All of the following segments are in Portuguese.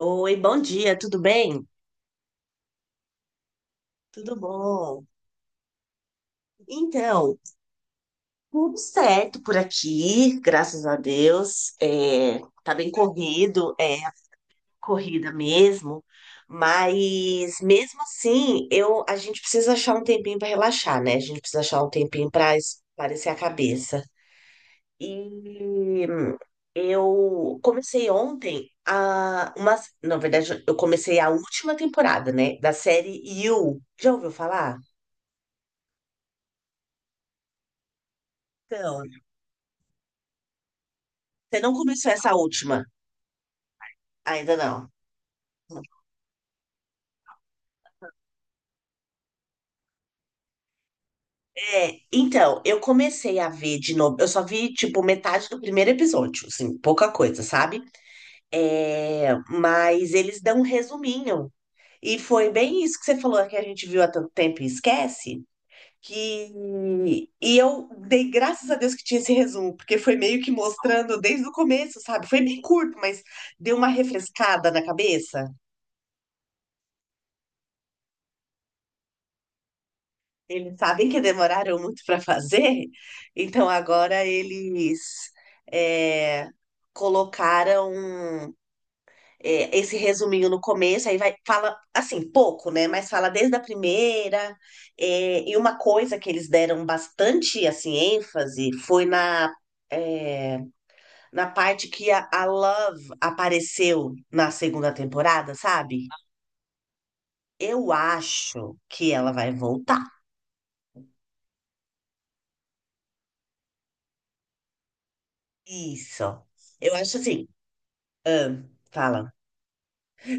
Oi, bom dia, tudo bem? Tudo bom? Então, tudo certo por aqui, graças a Deus. É, tá bem corrido, é corrida mesmo, mas mesmo assim, a gente precisa achar um tempinho para relaxar, né? A gente precisa achar um tempinho para espairecer a cabeça. E eu comecei na verdade, eu comecei a última temporada, né, da série You. Já ouviu falar? Então, você não começou essa última? Ainda não. É, então, eu comecei a ver de novo. Eu só vi, tipo, metade do primeiro episódio, assim, pouca coisa, sabe? É, mas eles dão um resuminho. E foi bem isso que você falou, que a gente viu há tanto tempo e esquece. Que... E eu dei graças a Deus que tinha esse resumo, porque foi meio que mostrando desde o começo, sabe? Foi bem curto, mas deu uma refrescada na cabeça. Eles sabem que demoraram muito para fazer, então agora eles é, colocaram esse resuminho no começo, aí vai, fala assim, pouco, né? Mas fala desde a primeira. É, e uma coisa que eles deram bastante assim, ênfase, foi é, na parte que a Love apareceu na segunda temporada, sabe? Eu acho que ela vai voltar. Isso. Eu acho assim. Ah, fala.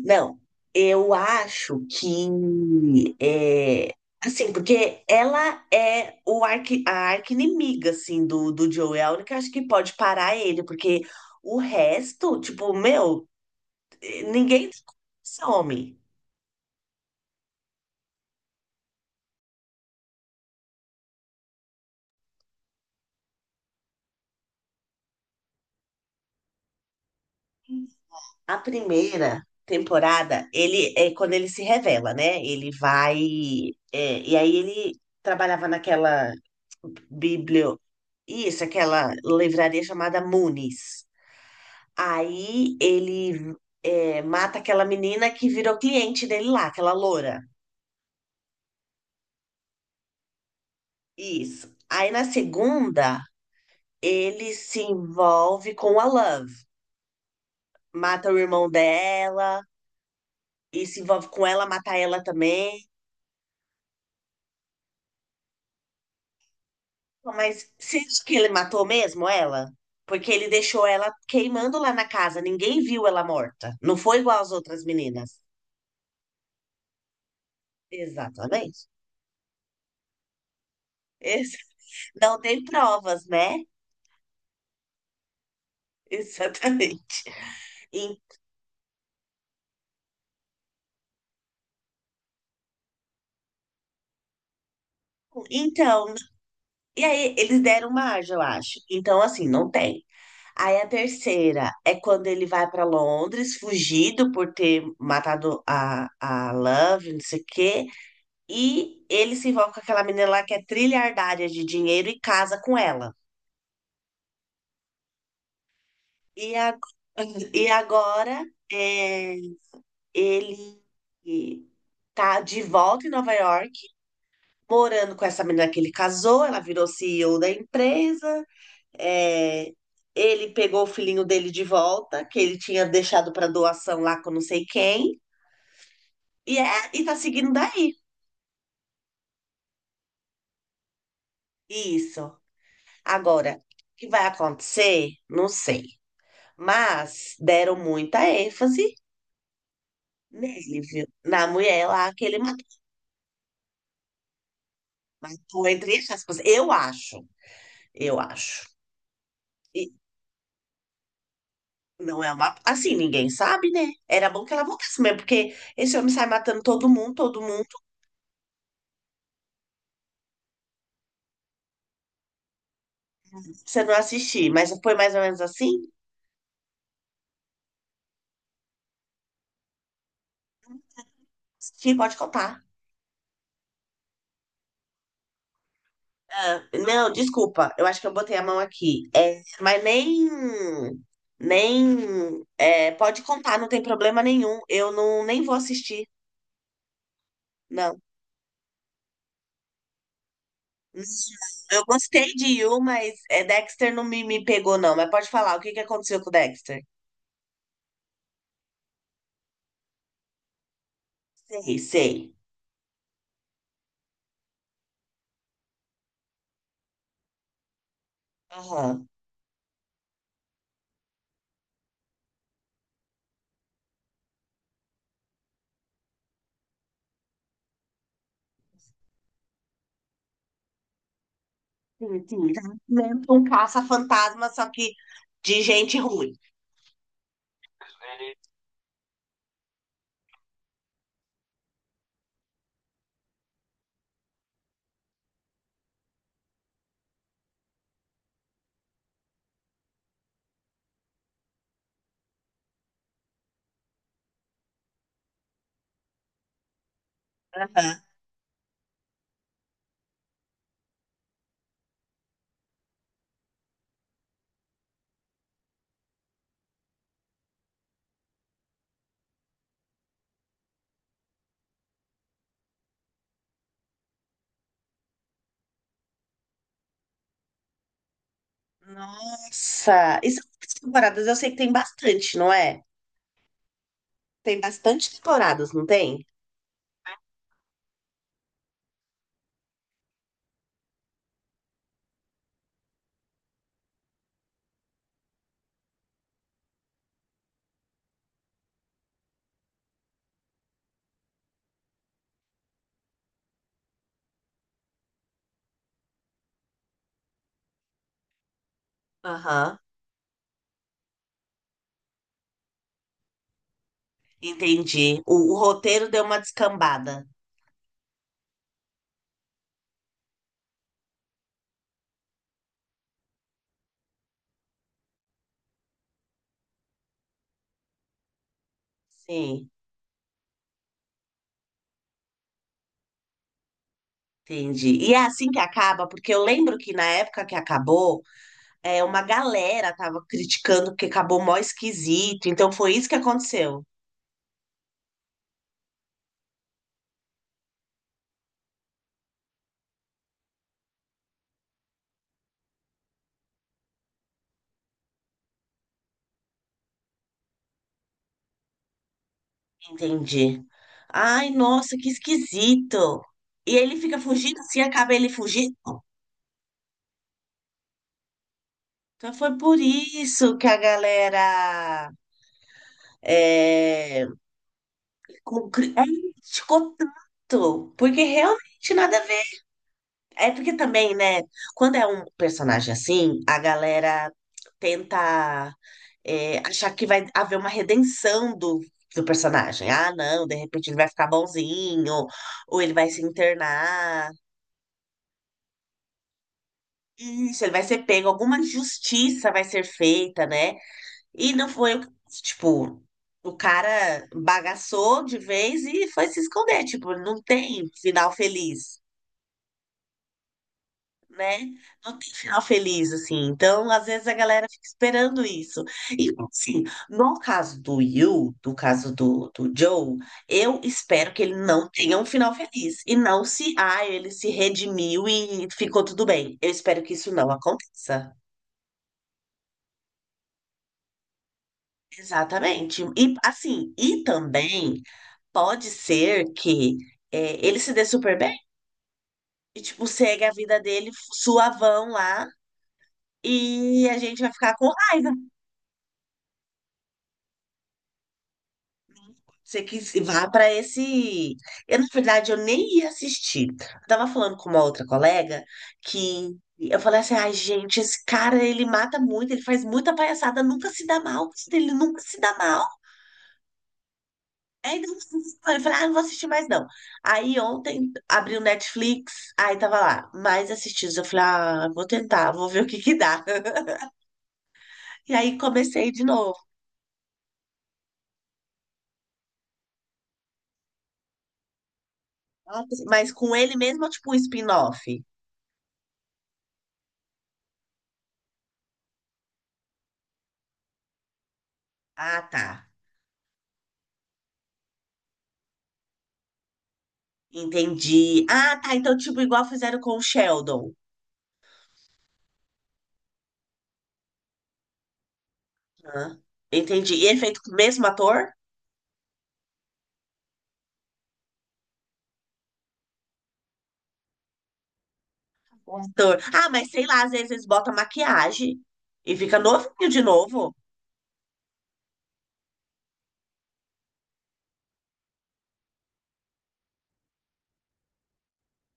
Não, eu acho que é assim, porque ela é a arqui-inimiga assim do Joel, é a única acho que pode parar ele, porque o resto, tipo, meu, ninguém some. A primeira temporada, ele é quando ele se revela, né? Ele vai, é, e aí ele trabalhava naquela biblio, isso, aquela livraria chamada Moonies. Aí ele, é, mata aquela menina que virou cliente dele lá, aquela loura. Isso. Aí na segunda, ele se envolve com a Love. Mata o irmão dela e se envolve com ela, mata ela também. Mas você acha que ele matou mesmo ela? Porque ele deixou ela queimando lá na casa, ninguém viu ela morta. Não foi igual às outras meninas. Exatamente. Ex- Não tem provas, né? Exatamente. Então, e aí eles deram uma asa, eu acho. Então, assim, não tem. Aí a terceira é quando ele vai para Londres, fugido por ter matado a Love, não sei o quê. E ele se envolve com aquela menina lá que é trilhardária de dinheiro e casa com ela. E, a, e agora, é, ele tá de volta em Nova York, morando com essa menina que ele casou, ela virou CEO da empresa. É, ele pegou o filhinho dele de volta, que ele tinha deixado para doação lá com não sei quem, e é, e tá seguindo daí. Isso. Agora, o que vai acontecer? Não sei. Mas deram muita ênfase nele, viu? Na mulher lá que ele matou. Matou entre aspas. Eu acho. Eu acho. E não é uma. Assim, ninguém sabe, né? Era bom que ela voltasse mesmo, porque esse homem sai matando todo mundo, pra você não assistir. Mas foi mais ou menos assim? Sim, pode contar. Ah, não, desculpa, eu acho que eu botei a mão aqui. É, mas nem, nem, é, pode contar, não tem problema nenhum. Eu não, nem vou assistir, não. Eu gostei de You, mas é, Dexter não me pegou, não. Mas pode falar, o que que aconteceu com o Dexter? Sei, sei. Aham. Sim, sim. Tá dentro de Um caça-fantasma, só que de gente ruim. Aham. Nossa, e são quantas temporadas? Eu sei que tem bastante, não é? Tem bastante temporadas, não tem? Aham, entendi. O roteiro deu uma descambada. Sim, entendi. E é assim que acaba, porque eu lembro que na época que acabou, é, uma galera tava criticando porque acabou mó esquisito. Então foi isso que aconteceu. Entendi. Ai, nossa, que esquisito. E ele fica fugindo, assim acaba ele fugindo. Então foi por isso que a galera, é, Com cri- É, criticou tanto, porque realmente nada a ver. É porque também, né, quando é um personagem assim, a galera tenta, é, achar que vai haver uma redenção do personagem. Ah, não, de repente ele vai ficar bonzinho, ou ele vai se internar. Isso, ele vai ser pego, alguma justiça vai ser feita, né? E não foi, tipo, o cara bagaçou de vez e foi se esconder, tipo, não tem final feliz. Né? Não tem final feliz, assim. Então, às vezes a galera fica esperando isso. E, assim, no caso do Yu, no caso do Joe, eu espero que ele não tenha um final feliz. E não se, ah, ele se redimiu e ficou tudo bem. Eu espero que isso não aconteça. Exatamente. E, assim, e também pode ser que, é, ele se dê super bem e, tipo, segue a vida dele suavão lá. E a gente vai ficar com raiva. Você que se vá para esse. Eu, na verdade, eu nem ia assistir. Eu tava falando com uma outra colega, que eu falei assim: ai, gente, esse cara, ele mata muito, ele faz muita palhaçada, nunca se dá mal, ele nunca se dá mal. Aí eu falei: ah, não vou assistir mais não. Aí ontem abri o Netflix, aí tava lá, mais assistidos. Eu falei: ah, vou tentar, vou ver o que que dá. E aí comecei de novo. Ah, mas com ele mesmo, ou tipo um spin-off? Ah, tá. Entendi. Ah, tá. Então, tipo, igual fizeram com o Sheldon. Ah, entendi. E ele é feito com o mesmo ator? O ator. Ah, mas sei lá, às vezes eles botam maquiagem e fica novinho de novo.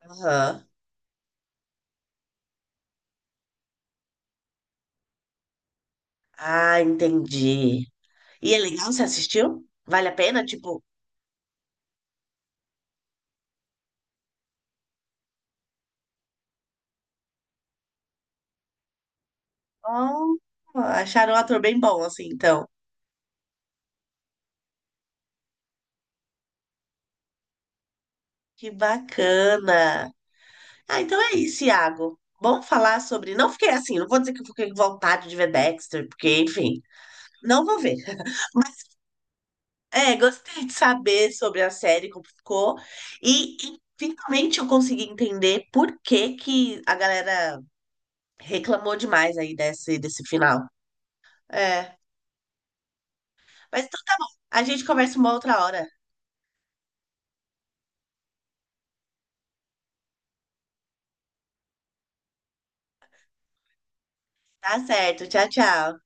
Aham. Ah, entendi. E é legal, você assistiu? Vale a pena? Tipo, oh, acharam um ator bem bom, assim, então. Que bacana. Ah, então é isso, Iago. Vamos falar sobre. Não fiquei assim, não vou dizer que eu fiquei com vontade de ver Dexter, porque, enfim, não vou ver. É, gostei de saber sobre a série, como ficou. E finalmente eu consegui entender por que que a galera reclamou demais aí desse final. É. Mas então tá bom. A gente conversa uma outra hora. Tá certo. Tchau, tchau.